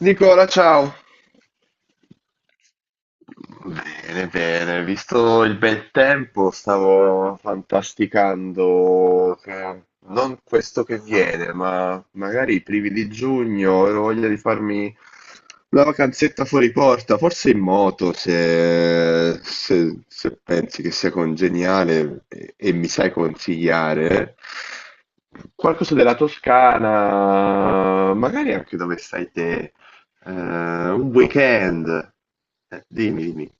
Nicola, ciao. Bene, bene, visto il bel tempo, stavo fantasticando che non questo che viene, ma magari i primi di giugno, ho voglia di farmi una vacanzetta fuori porta, forse in moto, se pensi che sia congeniale e mi sai consigliare. Qualcosa della Toscana, magari anche dove stai te, un weekend. Dimmi, dimmi.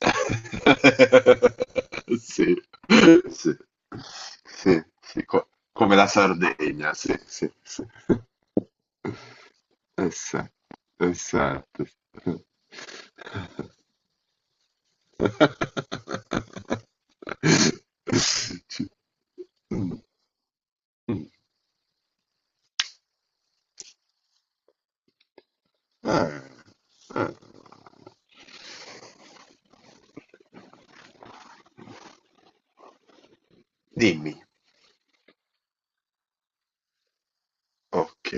Sì, sì, sì, sì, come la Sardegna, sì, sì, sì. Essa- Esatto. Ci- mm, mm. Ah, ah. Dimmi, ok.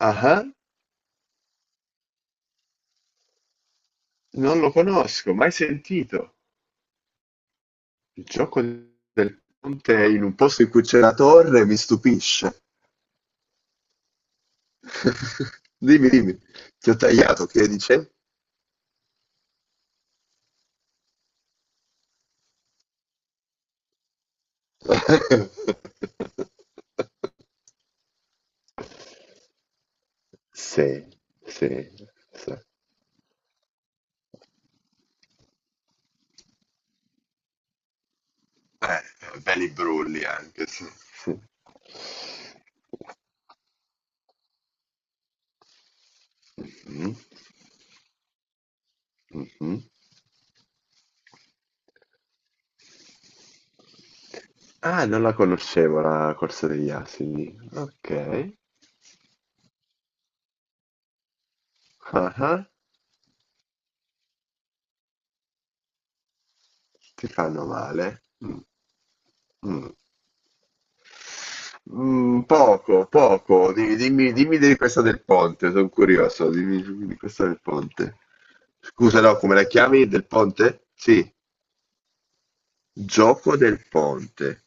Ah, non lo conosco, mai sentito. Il gioco del ponte in un posto in cui c'è la torre mi stupisce. Dimmi, dimmi, ti ho tagliato, che dicevi? Sì, sì, sì. Belli brulli anche, sì. Sì. Mhm, mhm. Ah, non la conoscevo la corsa degli asini. Ok. Ah, ah. Ti fanno male? Mm, mm. Mm, poco, poco. Dimmi, dimmi di questa del ponte, sono curioso. Dimmi, dimmi di questa del ponte. Scusa, no, come la chiami? Del ponte? Sì, gioco del ponte.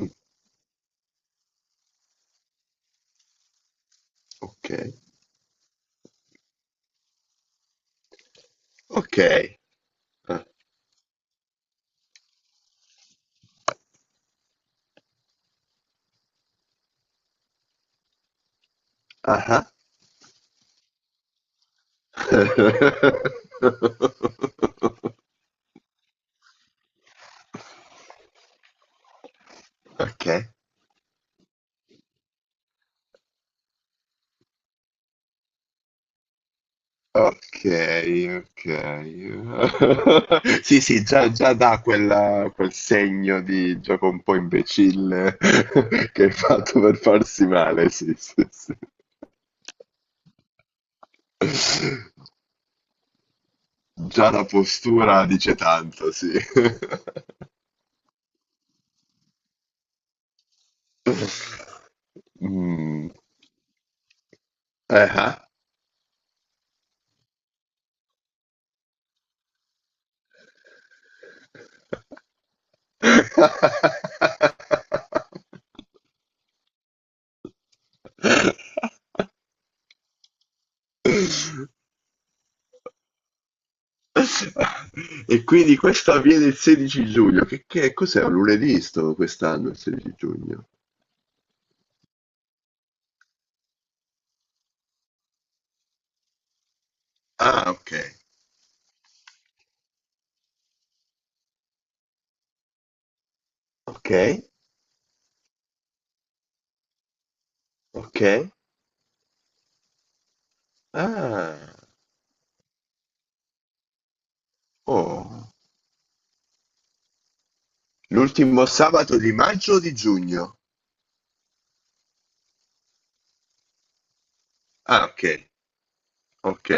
Mm, ok, ok. Ah, ah. Ok. Okay, okay. Sì, sì, già dà quel segno di gioco un po' imbecille che hai fatto per farsi male, sì, sì, sì. Già la postura dice tanto, sì. Mh. Eh-eh. E quindi questo avviene il 16 giugno. Che cos'è? Un lunedì sto quest'anno, il 16 giugno. Ah, ok. Ok, ok. Ah, oh. L'ultimo sabato di maggio o di giugno? Ah, ok. Ok,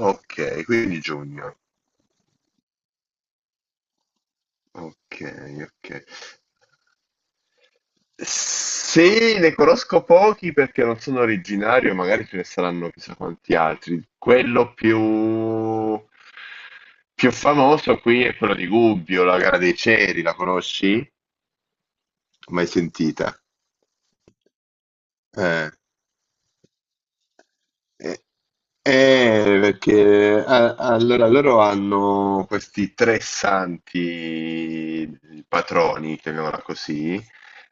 ok, quindi giugno. Ok, ok. Sì, ne conosco pochi perché non sono originario, magari ce ne saranno chissà quanti altri. Quello più famoso qui è quello di Gubbio, la gara dei ceri, la conosci? Mai sentita? Eh. Eh, Perché allora loro hanno questi tre santi patroni, chiamiamola così,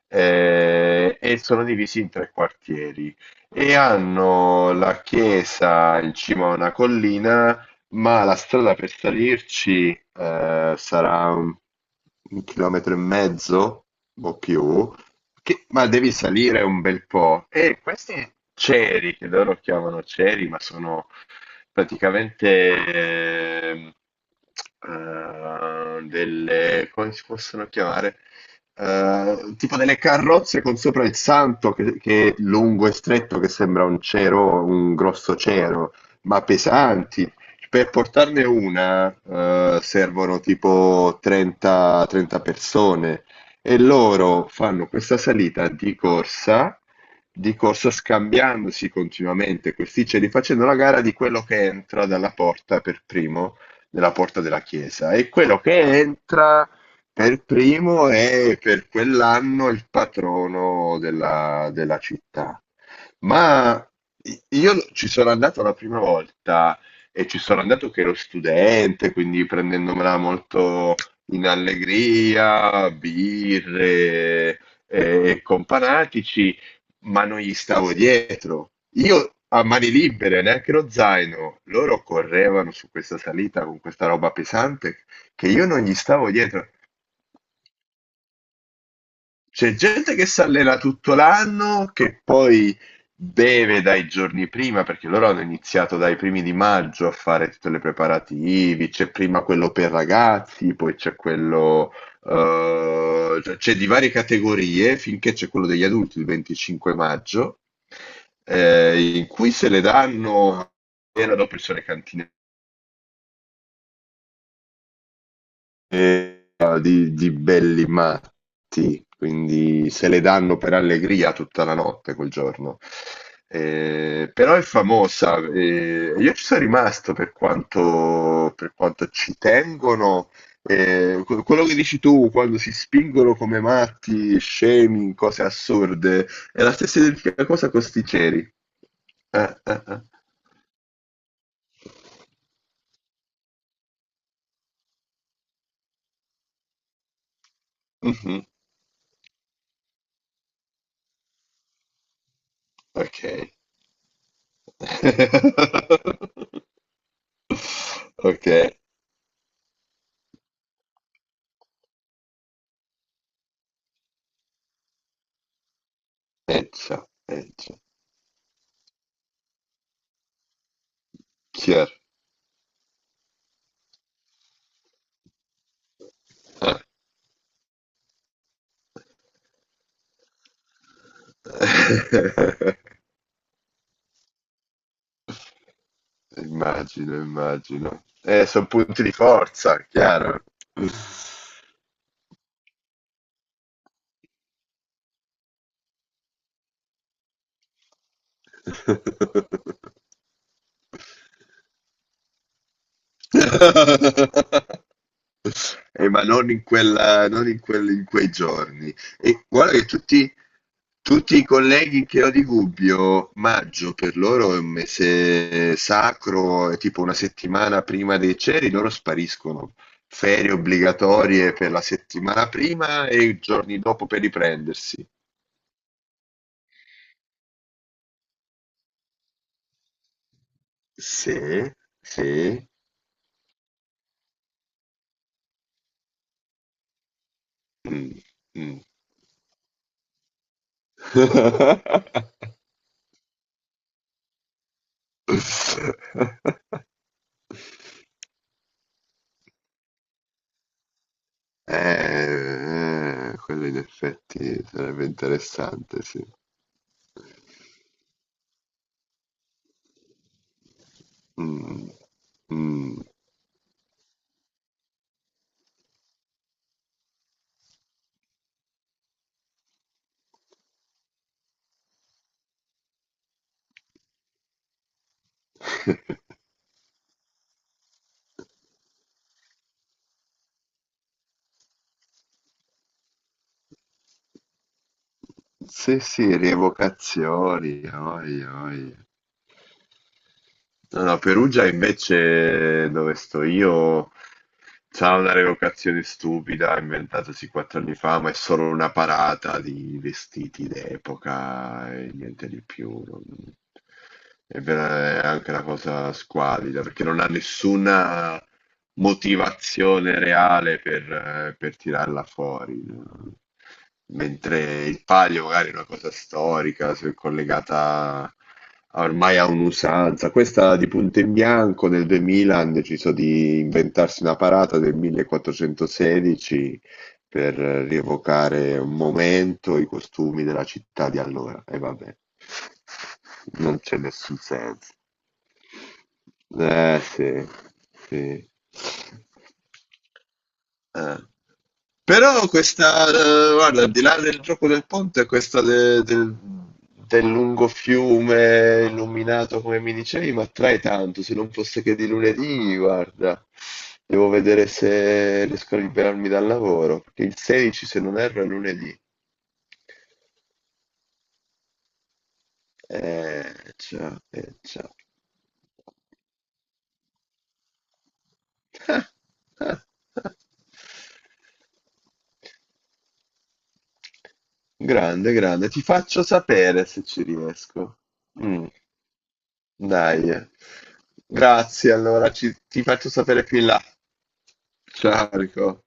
e sono divisi in tre quartieri e hanno la chiesa in cima a una collina, ma la strada per salirci, sarà un chilometro e mezzo o più, ma devi salire un bel po'. E questi ceri, che loro chiamano ceri, ma sono praticamente come si possono chiamare? Tipo delle carrozze con sopra il santo che è lungo e stretto, che sembra un cero, un grosso cero, ma pesanti, per portarne una, servono tipo 30, 30 persone e loro fanno questa salita di corsa scambiandosi continuamente questi ceri, facendo la gara di quello che entra dalla porta per primo, della porta della chiesa. E quello che entra per primo è per quell'anno il patrono della città. Ma io ci sono andato la prima volta e ci sono andato che ero studente, quindi prendendomela molto in allegria, birre e companatici, ma non gli stavo dietro. Io a mani libere, neanche lo zaino, loro correvano su questa salita con questa roba pesante che io non gli stavo dietro. C'è gente che si allena tutto l'anno, che poi beve dai giorni prima, perché loro hanno iniziato dai primi di maggio a fare tutte le preparativi, c'è prima quello per ragazzi, poi c'è quello, cioè c'è di varie categorie, finché c'è quello degli adulti il 25 maggio, in cui se le danno. Appena dopo ci sono le cantine Eh, di belli matti, quindi se le danno per allegria tutta la notte quel giorno. Però è famosa, io ci sono rimasto per quanto, ci tengono. Quello che dici tu quando si spingono come matti, scemi, in cose assurde, è la stessa identica cosa con sti ceri. Eh. Mhm, ok. Ok. Eh già, chiaro. Eh. Immagino, immagino. Sono punti di forza, chiaro. Ma non in quei giorni. E guarda che tutti i colleghi che ho di Gubbio, maggio per loro è un mese sacro, è tipo una settimana prima dei ceri, loro spariscono. Ferie obbligatorie per la settimana prima e i giorni dopo per riprendersi. Sì, sì. Mm, mm. Quello in effetti sarebbe interessante, sì. Mm, mm. Sì, sì, rievocazioni, oi, oi. No, no, Perugia invece, dove sto io, c'ha una revocazione stupida, inventatosi 4 anni fa, ma è solo una parata di vestiti d'epoca e niente di più. È anche una cosa squalida, perché non ha nessuna motivazione reale per tirarla fuori, no? Mentre il palio magari è una cosa storica, se è collegata ormai a un'usanza. Questa di punto in bianco nel 2000 hanno deciso di inventarsi una parata del 1416 per rievocare un momento, i costumi della città di allora. E vabbè, non c'è nessun senso. Eh sì, sì. Eh. Però questa, guarda, al di là del gioco del ponte, questa del lungo fiume illuminato come mi dicevi, mi attrae tanto. Se non fosse che di lunedì, guarda, devo vedere se riesco a liberarmi dal lavoro, perché il 16, se non erro, è lunedì. Eh, ciao, ciao. Ah, ah, ah. Grande, grande, ti faccio sapere se ci riesco. Mm. Dai. Grazie, allora ti faccio sapere più in là. Ciao, Enrico.